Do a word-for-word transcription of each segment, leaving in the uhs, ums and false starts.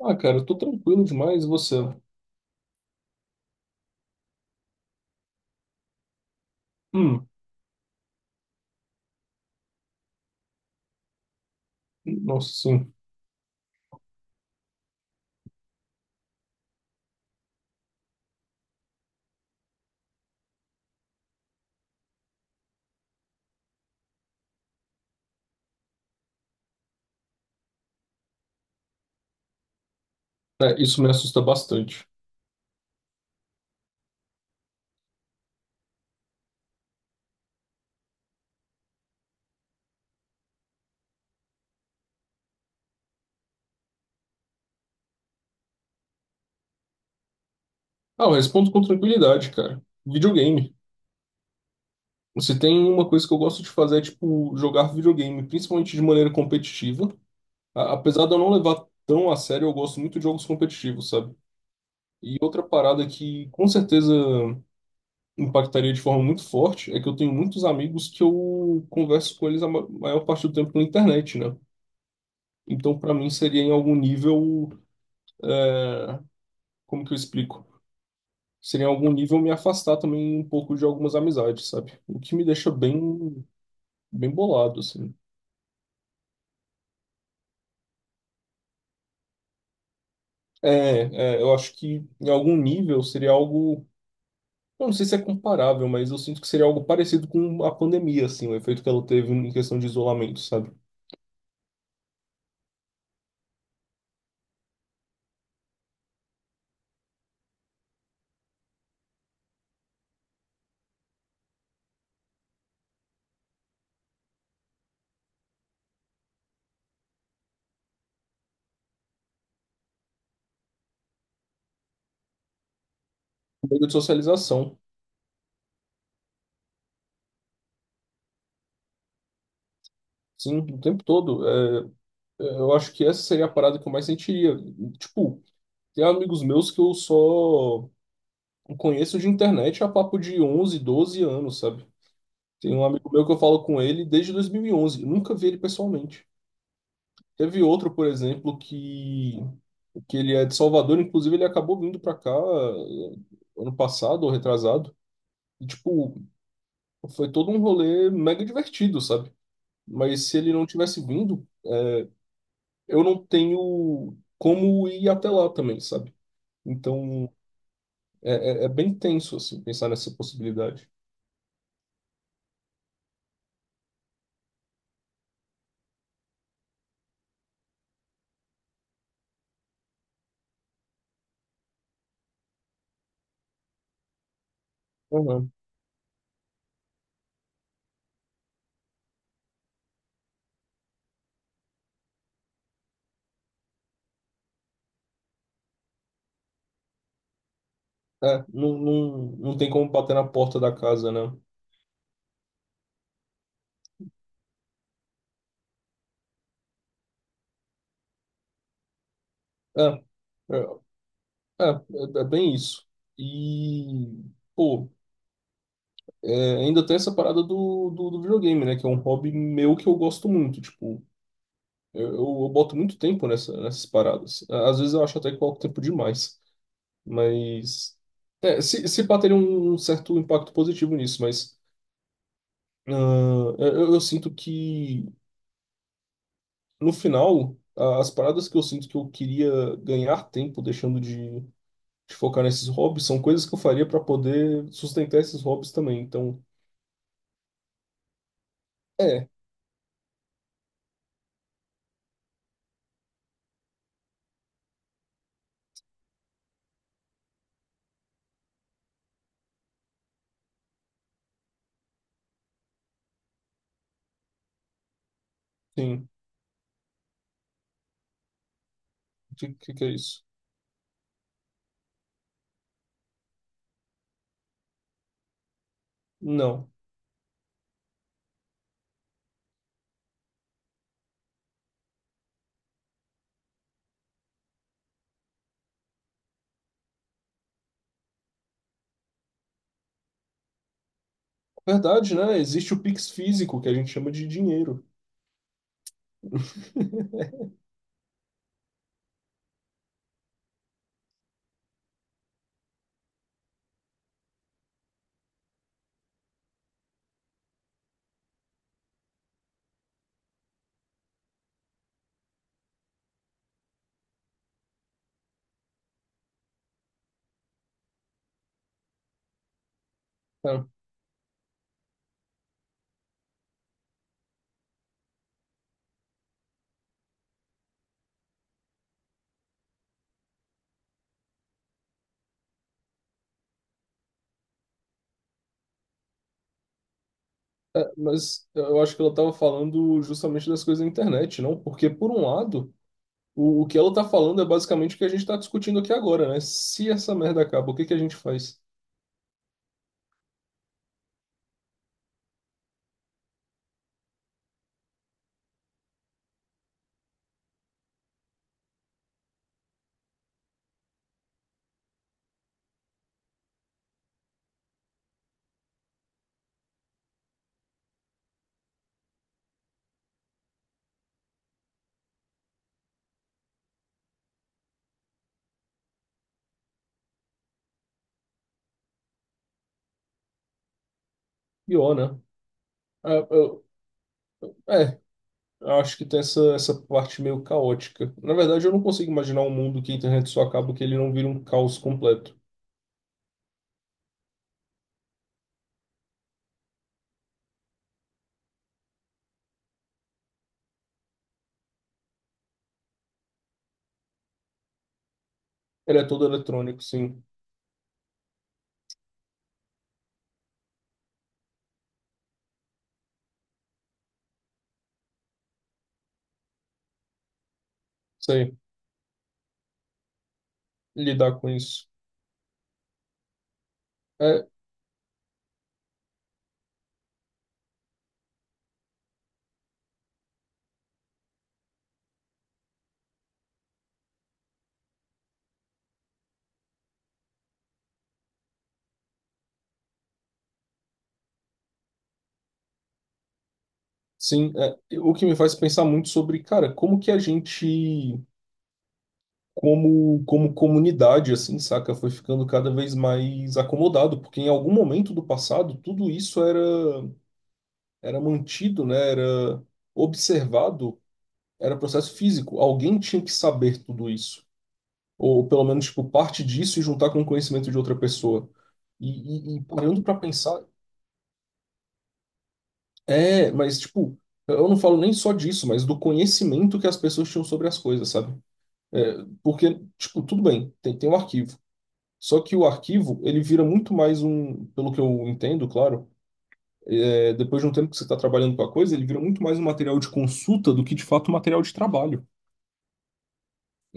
Ah, cara, eu tô tranquilo demais, e você? Hum, nossa, sim. É, isso me assusta bastante. Ah, eu respondo com tranquilidade, cara. Videogame. Se tem uma coisa que eu gosto de fazer é, tipo, jogar videogame, principalmente de maneira competitiva. A- apesar de eu não levar tão a sério, eu gosto muito de jogos competitivos, sabe? E outra parada que com certeza impactaria de forma muito forte é que eu tenho muitos amigos que eu converso com eles a ma- maior parte do tempo na internet, né? Então, pra mim, seria em algum nível, como que eu explico? Seria em algum nível me afastar também um pouco de algumas amizades, sabe? O que me deixa bem, bem bolado, assim. É, é, eu acho que em algum nível seria algo. Eu não sei se é comparável, mas eu sinto que seria algo parecido com a pandemia, assim, o efeito que ela teve em questão de isolamento, sabe? Meio de socialização, sim, o tempo todo. É, eu acho que essa seria a parada que eu mais sentiria. Tipo, tem amigos meus que eu só conheço de internet há papo de onze doze anos, sabe? Tem um amigo meu que eu falo com ele desde dois mil e onze. Eu nunca vi ele pessoalmente. Teve outro, por exemplo, que, que ele é de Salvador. Inclusive, ele acabou vindo para cá eh, ano passado ou retrasado. E, tipo, foi todo um rolê mega divertido, sabe? Mas se ele não tivesse vindo, eu não tenho como ir até lá também, sabe? Então, é, é, é bem tenso, assim, pensar nessa possibilidade. Uhum. É, não, não, não tem como bater na porta da casa, né? É. É. É, é, é bem isso. E, pô, é, ainda tem essa parada do, do, do videogame, né? Que é um hobby meu que eu gosto muito. Tipo, eu, eu, eu boto muito tempo nessa, nessas paradas. À- Às vezes eu acho até que coloco tempo demais. Mas. É, se, se pá, teria um um certo impacto positivo nisso, mas. Ah, eu, eu sinto que, no final, a- as paradas que eu sinto que eu queria ganhar tempo deixando de. De focar nesses hobbies, são coisas que eu faria para poder sustentar esses hobbies também. Então, é, sim. O que, que que é isso? Não. Verdade, né? Existe o Pix físico, que a gente chama de dinheiro. É, é, mas eu acho que ela estava falando justamente das coisas da internet, não? Porque, por um lado, o, o que ela está falando é basicamente o que a gente está discutindo aqui agora, né? Se essa merda acaba, o que, que a gente faz? Pior, né? É, eu, é, eu acho que tem essa, essa parte meio caótica. Na verdade, eu não consigo imaginar um mundo que a internet só acaba, que ele não vira um caos completo. Ele é todo eletrônico, sim. Sei lidar com isso. É, sim, é. O que me faz pensar muito sobre, cara, como que a gente, como, como comunidade, assim, saca, foi ficando cada vez mais acomodado, porque em algum momento do passado tudo isso era, era mantido, né, era observado, era processo físico. Alguém tinha que saber tudo isso, ou pelo menos, tipo, parte disso e juntar com o conhecimento de outra pessoa. E, e, e parando para pensar, é, mas, tipo, eu não falo nem só disso, mas do conhecimento que as pessoas tinham sobre as coisas, sabe? É, porque, tipo, tudo bem, tem, tem um arquivo. Só que o arquivo, ele vira muito mais um, pelo que eu entendo, claro, é, depois de um tempo que você está trabalhando com a coisa, ele vira muito mais um material de consulta do que de fato um material de trabalho.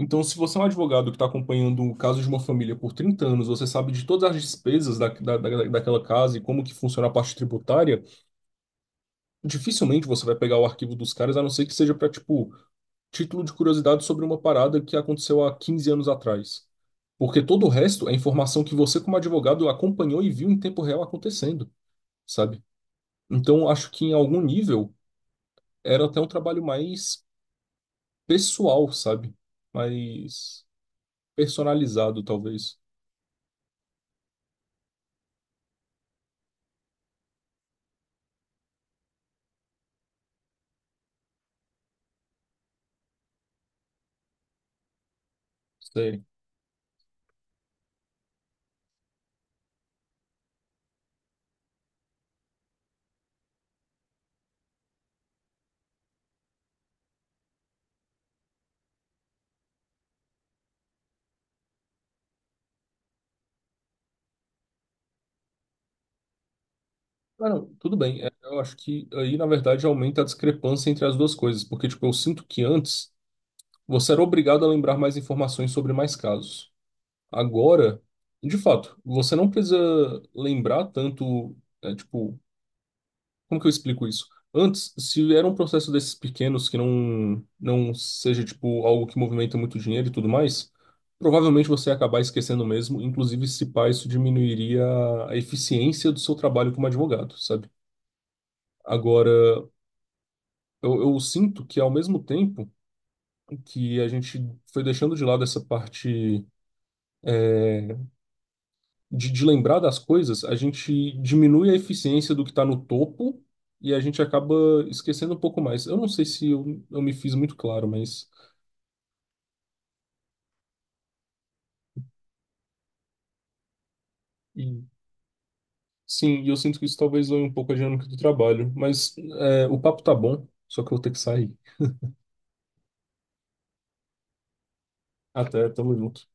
Então, se você é um advogado que está acompanhando o caso de uma família por trinta anos, você sabe de todas as despesas da, da, da- daquela casa e como que funciona a parte tributária, dificilmente você vai pegar o arquivo dos caras, a não ser que seja para, tipo, título de curiosidade sobre uma parada que aconteceu há quinze anos atrás. Porque todo o resto é informação que você, como advogado, acompanhou e viu em tempo real acontecendo, sabe? Então, acho que em algum nível era até um trabalho mais pessoal, sabe? Mais personalizado, talvez. Sei. Ah, não, tudo bem. É, eu acho que aí, na verdade, aumenta a discrepância entre as duas coisas. Porque, tipo, eu sinto que antes você era obrigado a lembrar mais informações sobre mais casos. Agora, de fato, você não precisa lembrar tanto, é, tipo, como que eu explico isso? Antes, se era um processo desses pequenos que não não seja tipo algo que movimenta muito dinheiro e tudo mais, provavelmente você ia acabar esquecendo mesmo, inclusive se pá, isso diminuiria a eficiência do seu trabalho como advogado, sabe? Agora, eu, eu sinto que ao mesmo tempo que a gente foi deixando de lado essa parte de, de lembrar das coisas, a gente diminui a eficiência do que está no topo e a gente acaba esquecendo um pouco mais. Eu não sei se eu, eu me fiz muito claro, mas e- sim, e eu sinto que isso talvez zoe um pouco a dinâmica do trabalho. Mas é, o papo tá bom, só que eu vou ter que sair. Até, tamo junto.